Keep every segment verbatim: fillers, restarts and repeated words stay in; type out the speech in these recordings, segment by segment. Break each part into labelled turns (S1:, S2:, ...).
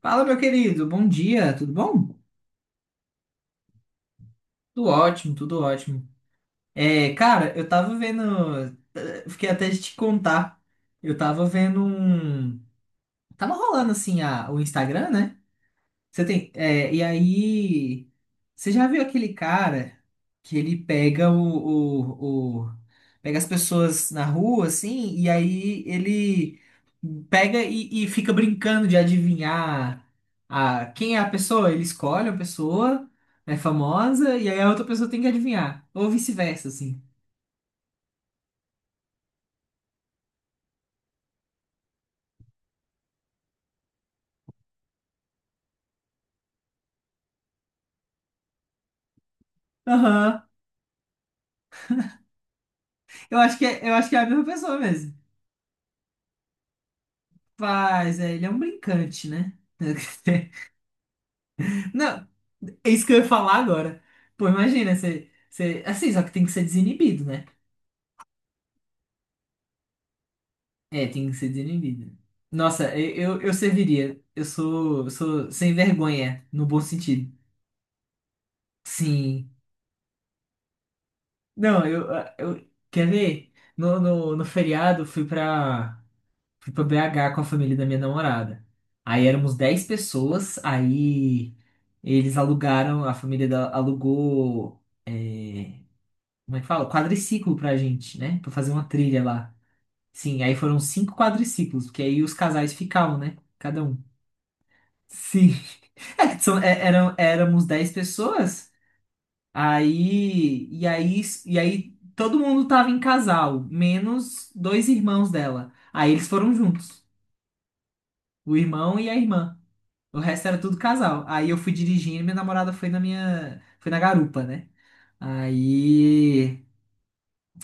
S1: Fala, meu querido, bom dia, tudo bom? Tudo ótimo, tudo ótimo. É, cara, eu tava vendo. eh, Fiquei até de te contar. Eu tava vendo um. Tava rolando assim a, o Instagram, né? Você tem. É, e aí. Você já viu aquele cara que ele pega o, o, o- Pega as pessoas na rua, assim, e aí ele pega e, e fica brincando de adivinhar a, quem é a pessoa. Ele escolhe uma pessoa, é famosa, e aí a outra pessoa tem que adivinhar. Ou vice-versa, assim. Aham. Eu acho que é, eu acho que é a mesma pessoa mesmo. Mas é, ele é um brincante, né? Não, é isso que eu ia falar agora. Pô, imagina, você, você. Assim, só que tem que ser desinibido, né? É, tem que ser desinibido. Nossa, eu, eu, eu serviria. Eu sou, eu sou sem vergonha, no bom sentido. Sim. Não, eu, eu. Quer ver? No, no, no feriado, fui pra, fui pra B H com a família da minha namorada. Aí éramos dez pessoas, aí eles alugaram, a família da- alugou. é, como é que fala? Quadriciclo pra gente, né? Pra fazer uma trilha lá. Sim, aí foram cinco quadriciclos, porque aí os casais ficavam, né? Cada um. Sim. É, são, é, eram, éramos dez pessoas, aí, e aí, e aí todo mundo tava em casal, menos dois irmãos dela. Aí eles foram juntos, o irmão e a irmã. O resto era tudo casal. Aí eu fui dirigindo e minha namorada foi na minha, foi na garupa, né? Aí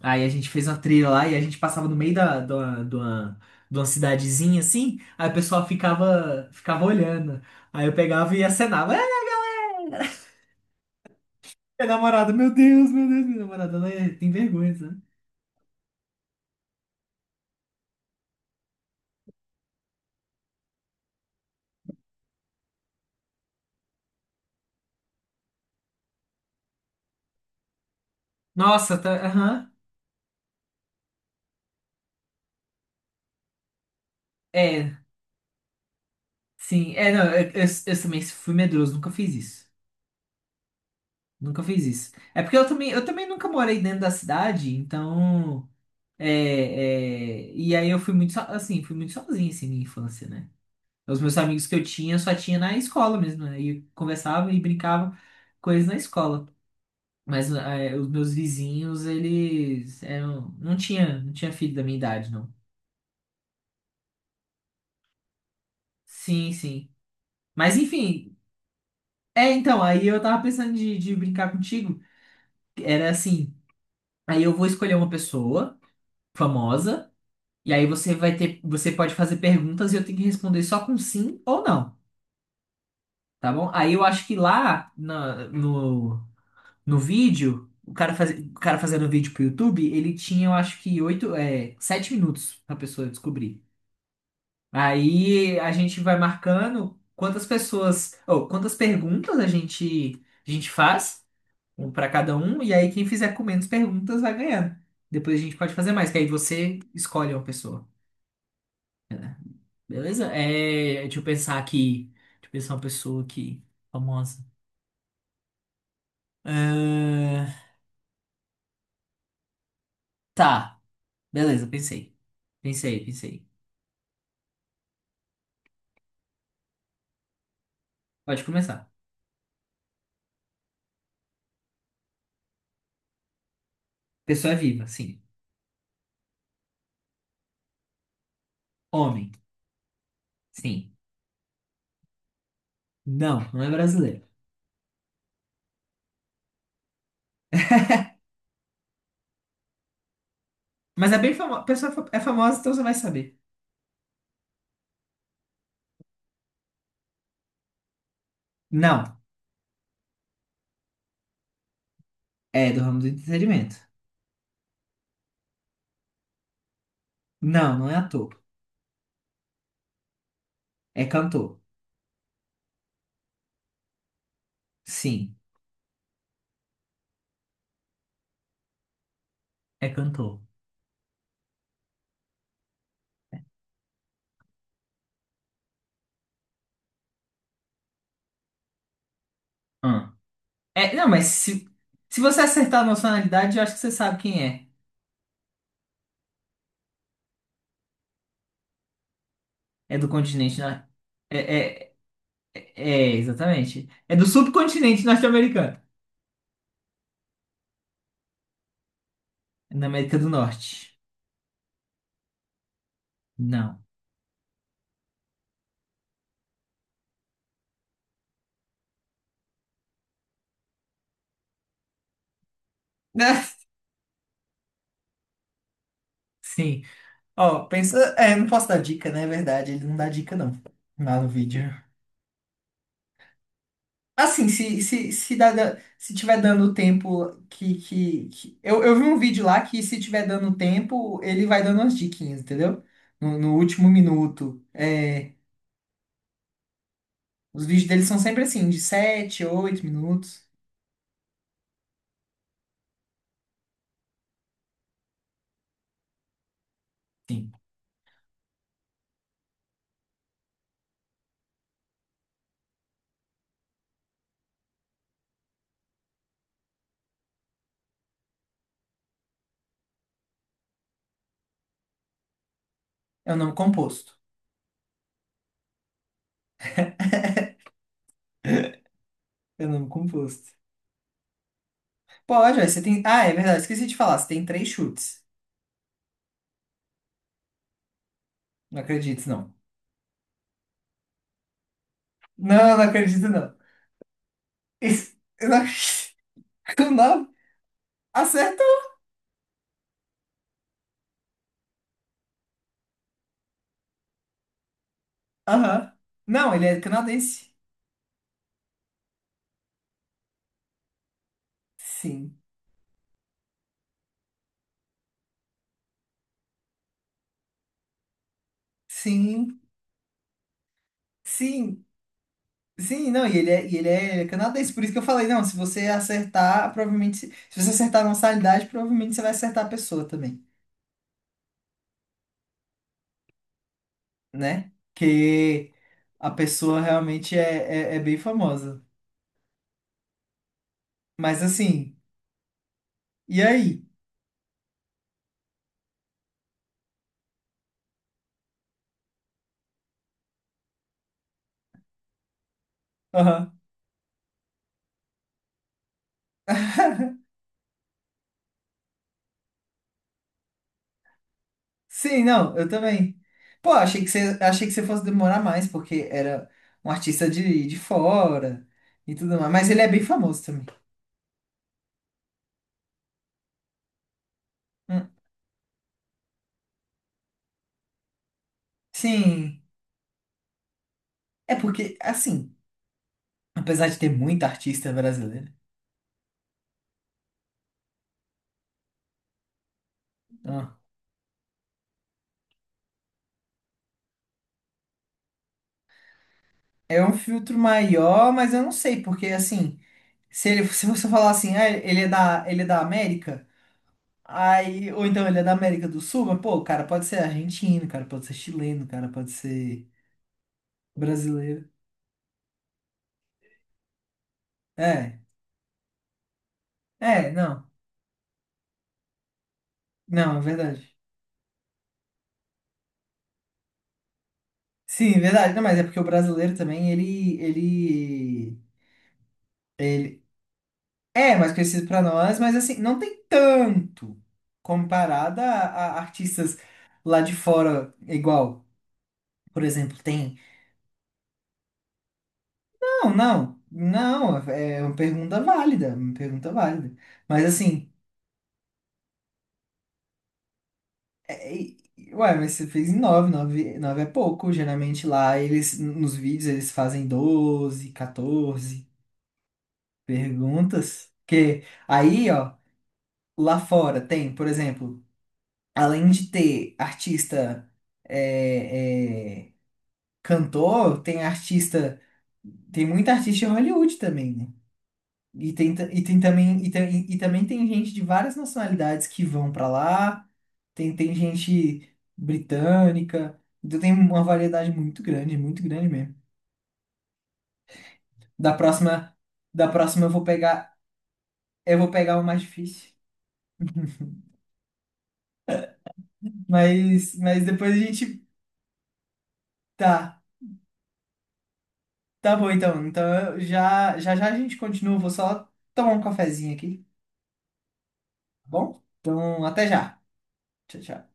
S1: Aí a gente fez uma trilha lá e a gente passava no meio da, de uma, de uma, de uma cidadezinha assim, aí o pessoal ficava, ficava olhando. Aí eu pegava e acenava. É, minha namorada, meu Deus, meu Deus, minha namorada, ela é- tem vergonha, sabe? Nossa, tá, aham. É, sim. É, não, eu, eu, eu também fui medroso, nunca fiz isso. Nunca fiz isso. É porque eu também, eu também nunca morei dentro da cidade, então. É, é, e aí eu fui muito, so- assim, fui muito sozinho assim, minha infância, né? Os meus amigos que eu tinha, só tinha na escola mesmo. Aí e conversava e brincava com eles na escola. Mas eh, os meus vizinhos, eles eram, não tinha, não tinha filho da minha idade, não. Sim, sim. Mas enfim, é então, aí eu tava pensando de, de brincar contigo. Era assim, aí eu vou escolher uma pessoa famosa, e aí você vai ter, você pode fazer perguntas e eu tenho que responder só com sim ou não, tá bom? Aí eu acho que lá na- no, no vídeo, o cara, faz... o cara fazendo vídeo pro YouTube, ele tinha, eu acho que oito, é, sete minutos pra pessoa descobrir. Aí a gente vai marcando quantas pessoas, ou quantas perguntas a gente, a gente faz, um pra cada um, e aí quem fizer com menos perguntas vai ganhando. Depois a gente pode fazer mais, que aí você escolhe uma pessoa. Beleza? É, deixa eu pensar aqui. Deixa eu pensar uma pessoa aqui, famosa. Ah, tá, beleza, pensei. Pensei, pensei. Pode começar. Pessoa é viva, sim. Homem, sim. Não, não é brasileiro. Mas é bem famosa. Pessoa fa- é famosa, então você vai saber. Não, é do ramo do entretenimento. Não, não é ator. É cantor. Sim, é cantor. Hum. É, não, mas se, se você acertar a nacionalidade, eu acho que você sabe quem é. É do continente, né? É, é, é, exatamente. É do subcontinente norte-americano. Na América do Norte. Não. Sim. Ó, pensa. É, não posso dar dica, né? É verdade, ele não dá dica, não. Lá no vídeo. Assim, se, se, se, dá, dá- se tiver dando tempo que, que, que- Eu, eu vi um vídeo lá que se tiver dando tempo, ele vai dando umas diquinhas, entendeu? No, no, último minuto. É, os vídeos dele são sempre assim, de sete oito minutos. Sim. É o nome composto. É o nome composto. Pode, ué, você tem. Ah, é verdade, esqueci de falar. Você tem três chutes. Não acredito, não. Não, não acredito, não. Isso- Eu não acredito. Com nove? Acertou! Aham. Não, ele é canadense. Sim. Sim. Sim. Sim, não, e ele é, e ele é canadense. Por isso que eu falei, não, se você acertar, provavelmente. Se se você acertar a nacionalidade, provavelmente você vai acertar a pessoa também, né? Que a pessoa realmente é, é, é bem famosa. Mas assim, e aí? Aham. Sim, não, eu também. Pô, achei que você, achei que você fosse demorar mais, porque era um artista de, de fora e tudo mais. Mas ele é bem famoso também. Hum. Sim. É porque, assim, apesar de ter muita artista brasileira, ó, é um filtro maior, mas eu não sei, porque assim, se ele, se você falar assim, ah, ele é da, ele é da América, aí, ou então ele é da América do Sul, mas, pô, o cara pode ser argentino, o cara pode ser chileno, o cara pode ser brasileiro. É, é, não. Não, é verdade. Sim, é verdade. Não, mas é porque o brasileiro também, ele, ele, ele é mais conhecido pra nós, mas assim, não tem tanto comparado a, a artistas lá de fora, igual, por exemplo, tem. Não, não, não, é uma pergunta válida, uma pergunta válida. Mas assim, é, e- ué, mas você fez em nove, nove, nove é pouco. Geralmente lá, eles, nos vídeos, eles fazem doze quatorze perguntas. Que aí, ó. Lá fora tem, por exemplo, além de ter artista é, é, cantor, tem artista, tem muita artista em Hollywood também, né? E tem, ta- e tem também e, tem- e também tem gente de várias nacionalidades que vão pra lá, tem, tem gente britânica, então tem uma variedade muito grande, muito grande mesmo. Da próxima, da próxima, eu vou pegar, eu vou pegar o mais difícil, mas, mas depois a gente tá. Tá bom, então. Então, eu já, já já a gente continua. Vou só tomar um cafezinho aqui, tá bom? Então, até já. Tchau, tchau.